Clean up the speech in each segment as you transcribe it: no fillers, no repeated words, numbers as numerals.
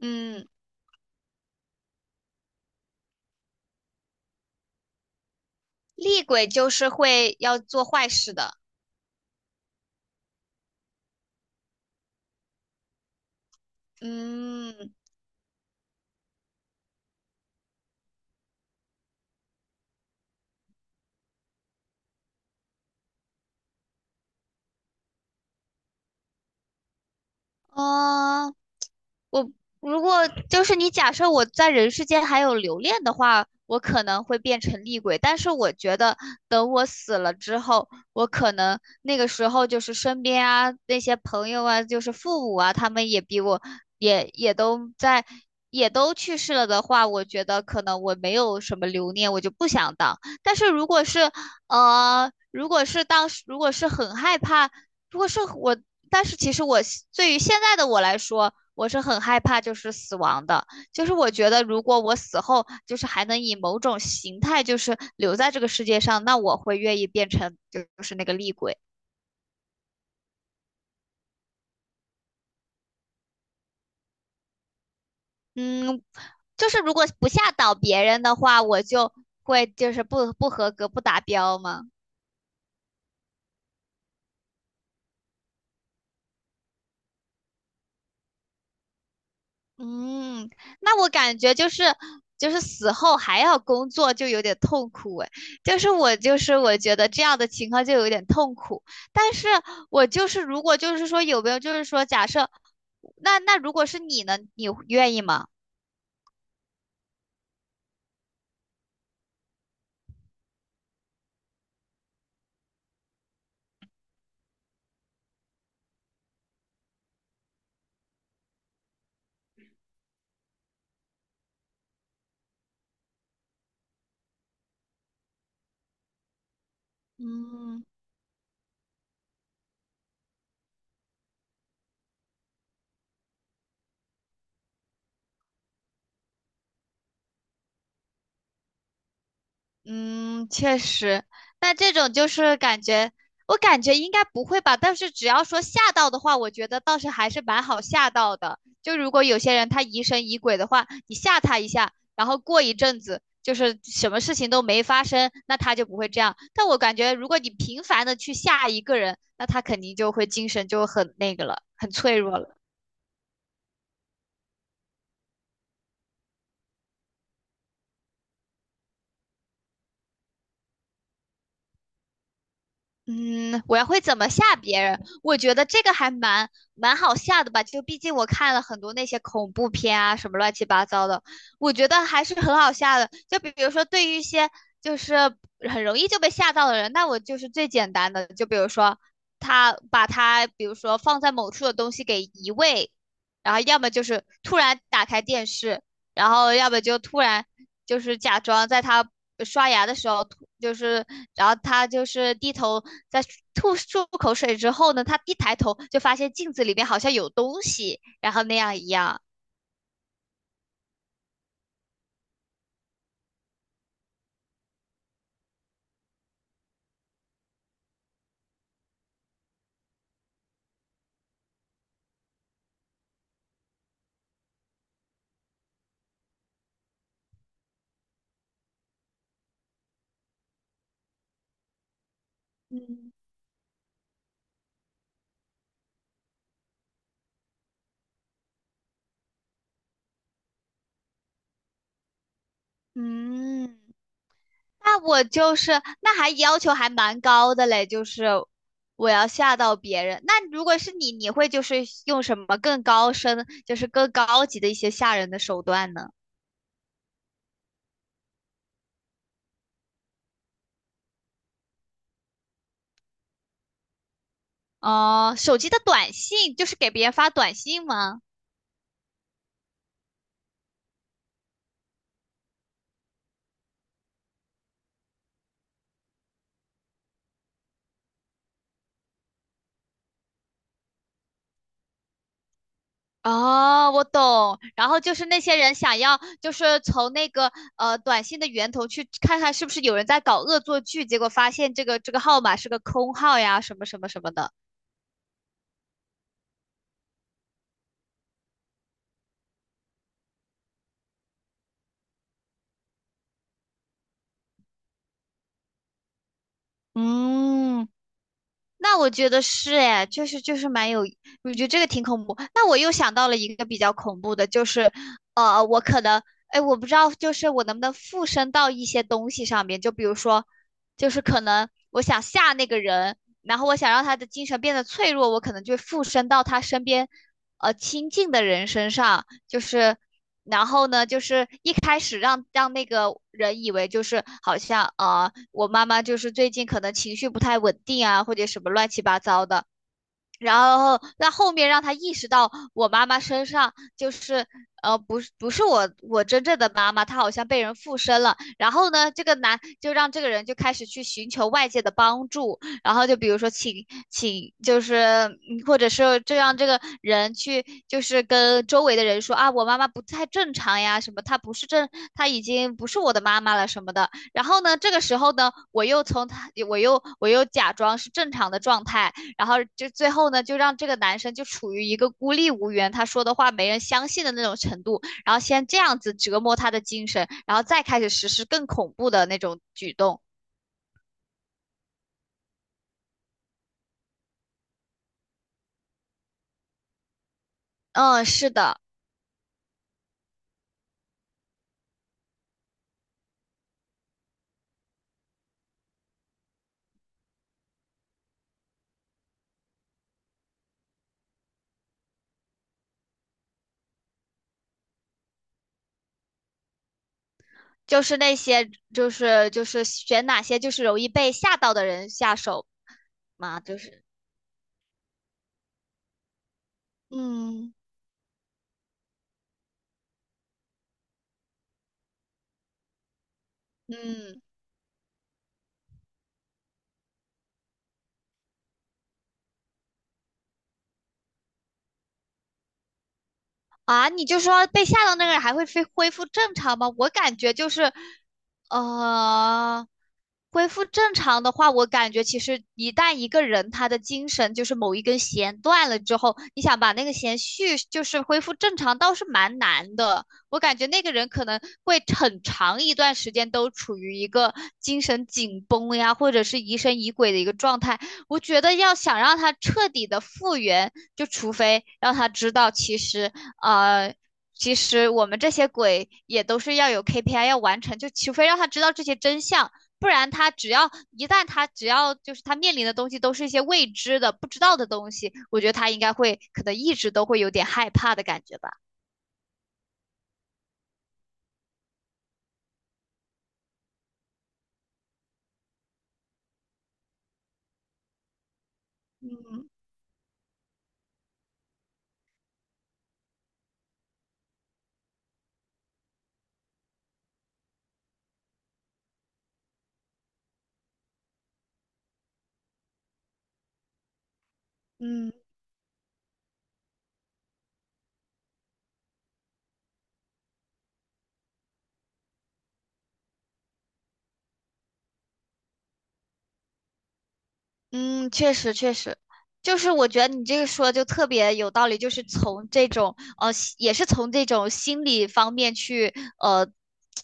嗯，厉鬼就是会要做坏事的。嗯，嗯、我如果就是你假设我在人世间还有留恋的话，我可能会变成厉鬼。但是我觉得等我死了之后，我可能那个时候就是身边啊那些朋友啊，就是父母啊，他们也比我也都在也都去世了的话，我觉得可能我没有什么留念，我就不想当。但是如果是如果是当时如果是很害怕。如果是我，但是其实我对于现在的我来说，我是很害怕就是死亡的，就是我觉得如果我死后就是还能以某种形态就是留在这个世界上，那我会愿意变成就是那个厉鬼。嗯，就是如果不吓倒别人的话，我就会就是不合格不达标吗？嗯，那我感觉就是就是死后还要工作，就有点痛苦哎。就是我就是我觉得这样的情况就有点痛苦。但是我就是如果就是说有没有就是说假设，那如果是你呢，你愿意吗？嗯嗯，确实，那这种就是感觉，我感觉应该不会吧。但是只要说吓到的话，我觉得倒是还是蛮好吓到的。就如果有些人他疑神疑鬼的话，你吓他一下，然后过一阵子就是什么事情都没发生，那他就不会这样。但我感觉如果你频繁的去吓一个人，那他肯定就会精神就很那个了，很脆弱了。嗯，我要会怎么吓别人？我觉得这个还蛮好吓的吧，就毕竟我看了很多那些恐怖片啊，什么乱七八糟的，我觉得还是很好吓的。就比如说，对于一些就是很容易就被吓到的人，那我就是最简单的，就比如说他把他，比如说放在某处的东西给移位，然后要么就是突然打开电视，然后要么就突然就是假装在他刷牙的时候吐，就是然后他就是低头在吐漱口水之后呢，他一抬头就发现镜子里面好像有东西，然后那样一样。嗯，嗯，那我就是那还要求还蛮高的嘞，就是我要吓到别人。那如果是你，你会就是用什么更高深，就是更高级的一些吓人的手段呢？哦、手机的短信就是给别人发短信吗？哦，我懂。然后就是那些人想要，就是从那个短信的源头去看看是不是有人在搞恶作剧，结果发现这个号码是个空号呀，什么什么什么的。嗯，那我觉得是哎，就是就是蛮有，我觉得这个挺恐怖。那我又想到了一个比较恐怖的，就是我可能哎，我不知道，就是我能不能附身到一些东西上面，就比如说，就是可能我想吓那个人，然后我想让他的精神变得脆弱，我可能就附身到他身边亲近的人身上，就是。然后呢，就是一开始让那个人以为就是好像我妈妈就是最近可能情绪不太稳定啊，或者什么乱七八糟的。然后在后面让他意识到我妈妈身上就是不是我真正的妈妈，她好像被人附身了。然后呢，这个男就让这个人就开始去寻求外界的帮助，然后就比如说请就是嗯或者是就让这个人去就是跟周围的人说啊，我妈妈不太正常呀，什么她不是正，她已经不是我的妈妈了什么的。然后呢，这个时候呢，我又从她，我又假装是正常的状态。然后就最后呢，就让这个男生就处于一个孤立无援，他说的话没人相信的那种程度，然后先这样子折磨他的精神，然后再开始实施更恐怖的那种举动。嗯，是的，就是那些，就是就是选哪些就是容易被吓到的人下手嘛，就是，嗯嗯。啊，你就说被吓到那个人还会恢复正常吗？我感觉就是，呃，恢复正常的话，我感觉其实一旦一个人他的精神就是某一根弦断了之后，你想把那个弦续就是恢复正常，倒是蛮难的。我感觉那个人可能会很长一段时间都处于一个精神紧绷呀，或者是疑神疑鬼的一个状态。我觉得要想让他彻底的复原。就除非让他知道，其实呃，其实我们这些鬼也都是要有 KPI 要完成，就除非让他知道这些真相，不然他只要一旦他只要就是他面临的东西都是一些未知的、不知道的东西，我觉得他应该会可能一直都会有点害怕的感觉吧。嗯，嗯，确实，就是我觉得你这个说就特别有道理，就是从这种呃，也是从这种心理方面去呃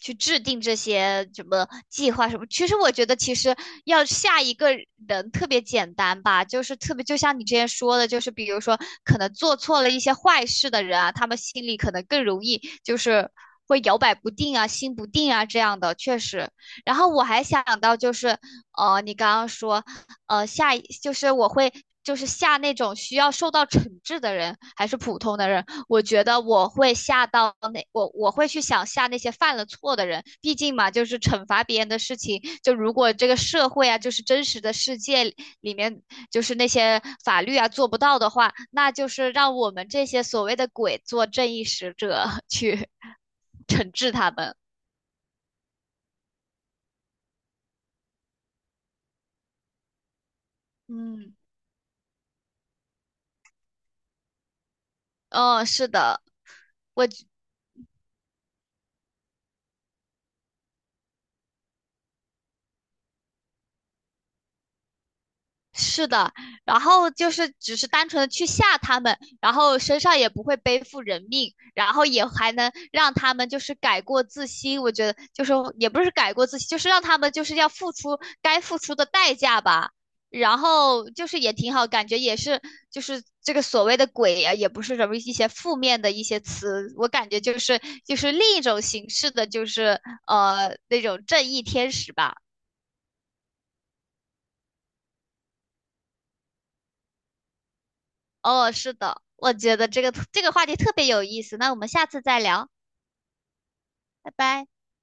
去制定这些什么计划什么。其实我觉得，其实要下一个人特别简单吧，就是特别就像你之前说的，就是比如说可能做错了一些坏事的人啊，他们心里可能更容易就是会摇摆不定啊、心不定啊这样的，确实。然后我还想到就是你刚刚说。下一就是我会就是下那种需要受到惩治的人，还是普通的人，我觉得我会下到那我会去想下那些犯了错的人，毕竟嘛，就是惩罚别人的事情，就如果这个社会啊，就是真实的世界里面，就是那些法律啊做不到的话，那就是让我们这些所谓的鬼做正义使者去 惩治他们。嗯，嗯，是的，我是的，然后就是只是单纯的去吓他们，然后身上也不会背负人命，然后也还能让他们就是改过自新。我觉得就是也不是改过自新，就是让他们就是要付出该付出的代价吧。然后就是也挺好，感觉也是就是这个所谓的鬼啊，也不是什么一些负面的一些词，我感觉就是就是另一种形式的，就是那种正义天使吧。哦，是的，我觉得这个这个话题特别有意思，那我们下次再聊，拜拜。